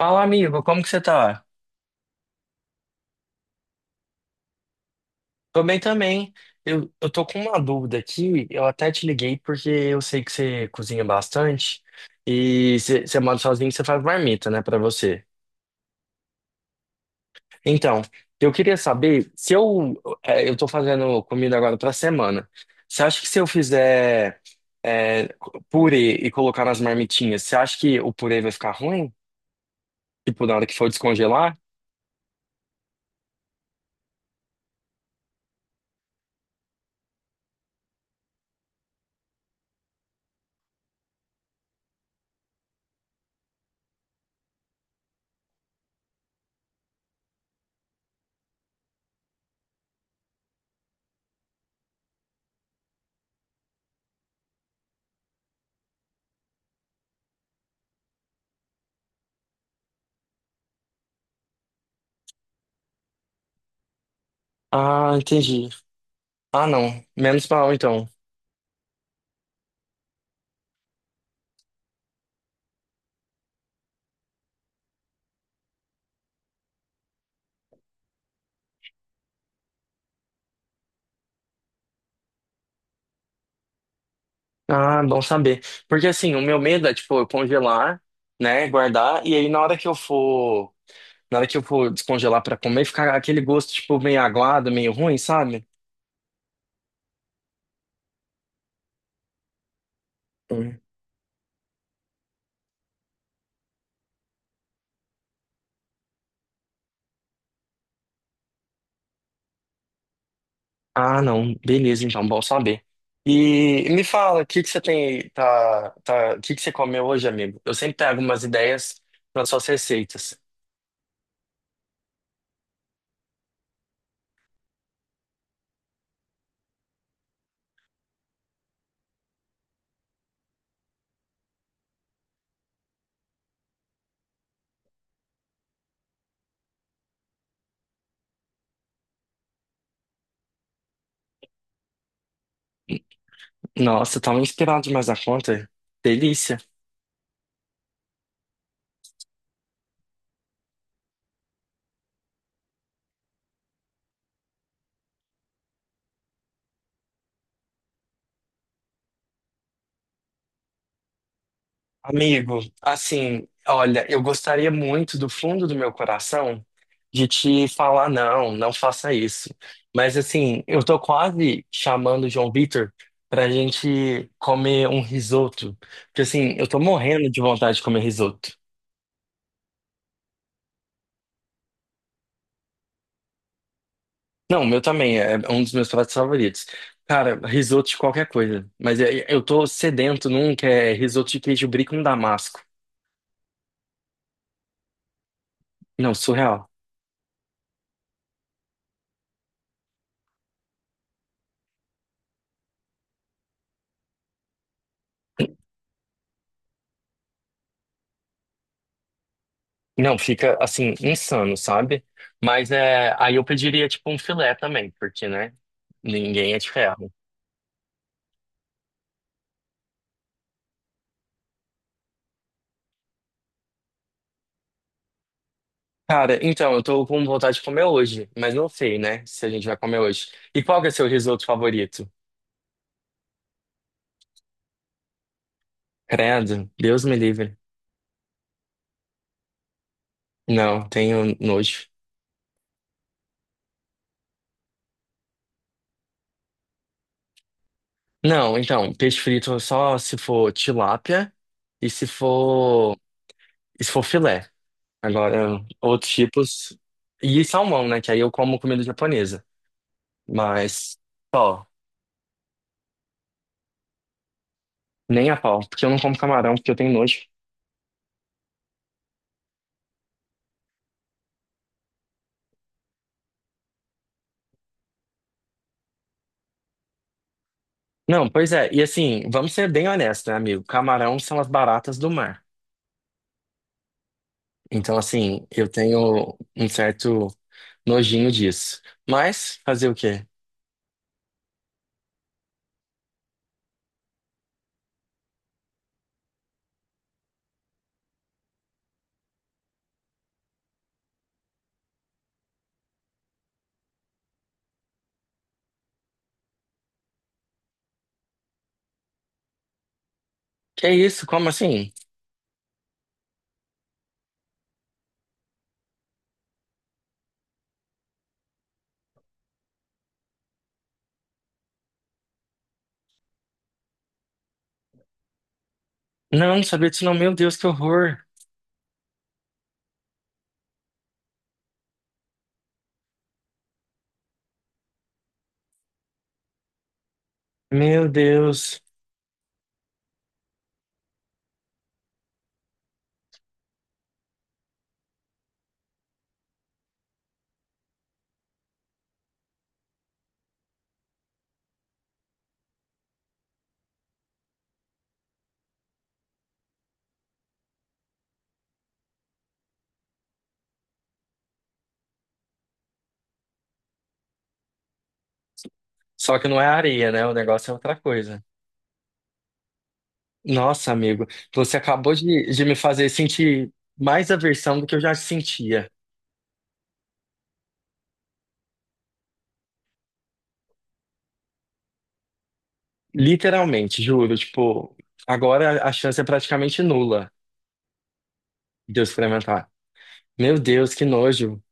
Fala, amigo, como que você tá? Tô bem também. Eu tô com uma dúvida aqui, eu até te liguei porque eu sei que você cozinha bastante e você mora sozinho, você faz marmita, né, pra você. Então, eu queria saber se eu tô fazendo comida agora pra semana. Você acha que se eu fizer é, purê e colocar nas marmitinhas, você acha que o purê vai ficar ruim? Tipo, na hora que for descongelar? Ah, entendi. Ah, não. Menos mal, então. Ah, bom saber. Porque assim, o meu medo é, tipo, eu congelar, né, guardar, e aí na hora que eu for, na hora que eu for descongelar pra comer, ficar aquele gosto, tipo, meio aguado, meio ruim, sabe? Hum. Ah, não. Beleza, então, bom saber. E me fala, o que que você tem, o que que você comeu hoje, amigo? Eu sempre pego umas ideias para suas receitas. Nossa, tá me inspirado demais a conta. Delícia. Amigo, assim, olha, eu gostaria muito do fundo do meu coração de te falar não, não faça isso. Mas assim, eu tô quase chamando o João Vitor pra gente comer um risoto, porque assim, eu tô morrendo de vontade de comer risoto. Não, o meu também é um dos meus pratos favoritos. Cara, risoto de qualquer coisa, mas eu tô sedento num que é risoto de queijo brie com damasco. Não, surreal. Não, fica assim, insano, sabe? Mas é, aí eu pediria tipo um filé também, porque, né? Ninguém é de ferro. Cara, então, eu tô com vontade de comer hoje, mas não sei, né, se a gente vai comer hoje. E qual que é o seu risoto favorito? Credo, Deus me livre. Não, tenho nojo. Não, então, peixe frito só se for tilápia e se for, e se for filé. Agora, outros tipos. E salmão, né, que aí eu como comida japonesa. Mas, só. Nem a pau, porque eu não como camarão, porque eu tenho nojo. Não, pois é, e assim, vamos ser bem honestos, né, amigo? Camarão são as baratas do mar. Então, assim, eu tenho um certo nojinho disso. Mas, fazer o quê? Que é isso? Como assim? Não, não sabia disso não. Meu Deus, que horror. Meu Deus. Só que não é areia, né? O negócio é outra coisa. Nossa, amigo, você acabou de me fazer sentir mais aversão do que eu já sentia. Literalmente, juro. Tipo, agora a chance é praticamente nula de eu experimentar. Meu Deus, que nojo.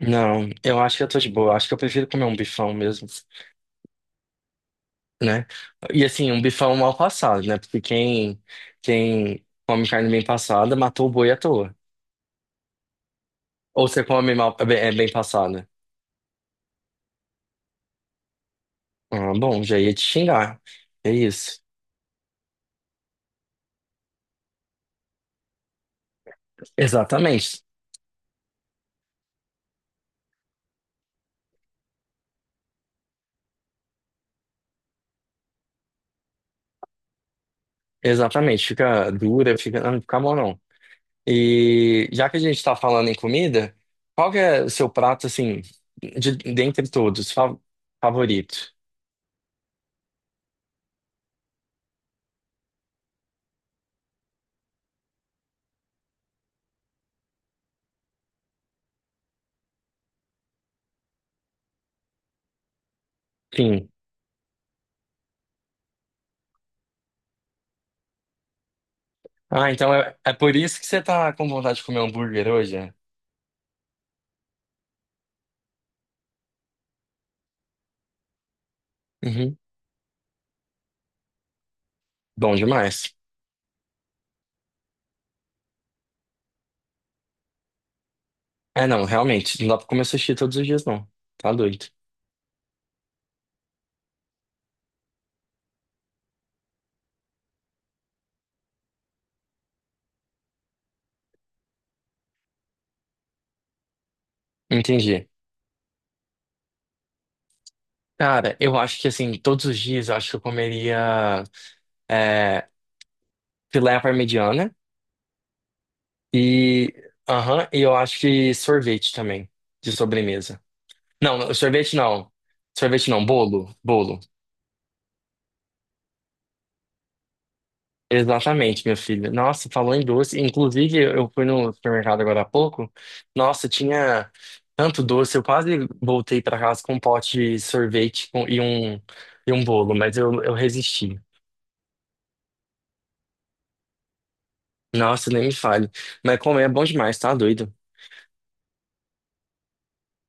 Não, eu acho que eu tô de boa. Acho que eu prefiro comer um bifão mesmo, né? E assim, um bifão mal passado, né? Porque quem come carne bem passada matou o boi à toa. Ou você come mal, é bem passada. Ah, bom, já ia te xingar. É isso. Exatamente. Exatamente. Fica dura, fica, não fica bom, não. E já que a gente tá falando em comida, qual que é o seu prato, assim, de, dentre todos, favorito? Sim. Ah, então é por isso que você tá com vontade de comer um hambúrguer hoje? É? Uhum. Bom demais. É, não, realmente, não dá pra comer sushi todos os dias, não. Tá doido. Entendi. Cara, eu acho que, assim, todos os dias eu acho que eu comeria é, filé à parmegiana e, aham, e eu acho que sorvete também, de sobremesa. Não, sorvete não. Sorvete não, bolo. Bolo. Exatamente, meu filho. Nossa, falou em doce. Inclusive, eu fui no supermercado agora há pouco. Nossa, tinha tanto doce. Eu quase voltei para casa com um pote de e um bolo, mas eu resisti. Nossa, nem me fale. Mas comer é bom demais, tá doido?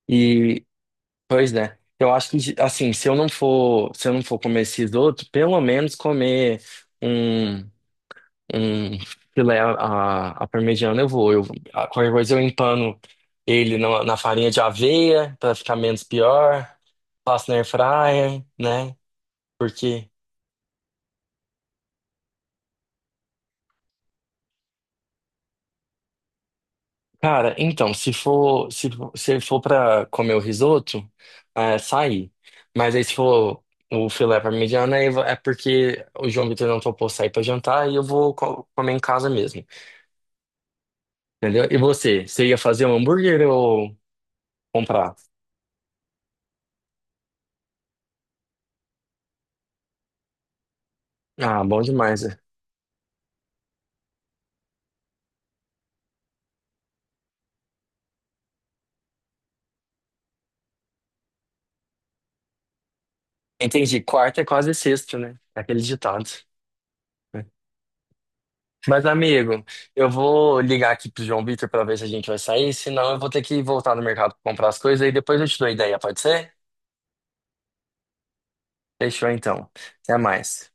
E, pois é. Eu acho que, assim, se eu não for, se eu não for comer esses outros, pelo menos comer. um. Um filé à à parmegiana, eu vou. Qualquer coisa eu empano ele na, na farinha de aveia pra ficar menos pior. Faço na air fryer, né? Porque, cara, então, se for, se for pra comer o risoto, é sair. Mas aí se for o filé parmegiana, aí é porque o João Vitor não topou sair pra jantar e eu vou comer em casa mesmo. Entendeu? E você? Você ia fazer um hambúrguer ou comprar? Ah, bom demais. Né? Entendi. Quarta é quase sexta, né? É aquele ditado. Né? Mas, amigo, eu vou ligar aqui pro João Vitor pra ver se a gente vai sair, senão eu vou ter que voltar no mercado pra comprar as coisas e depois eu te dou a ideia, pode ser? Fechou então. Até mais.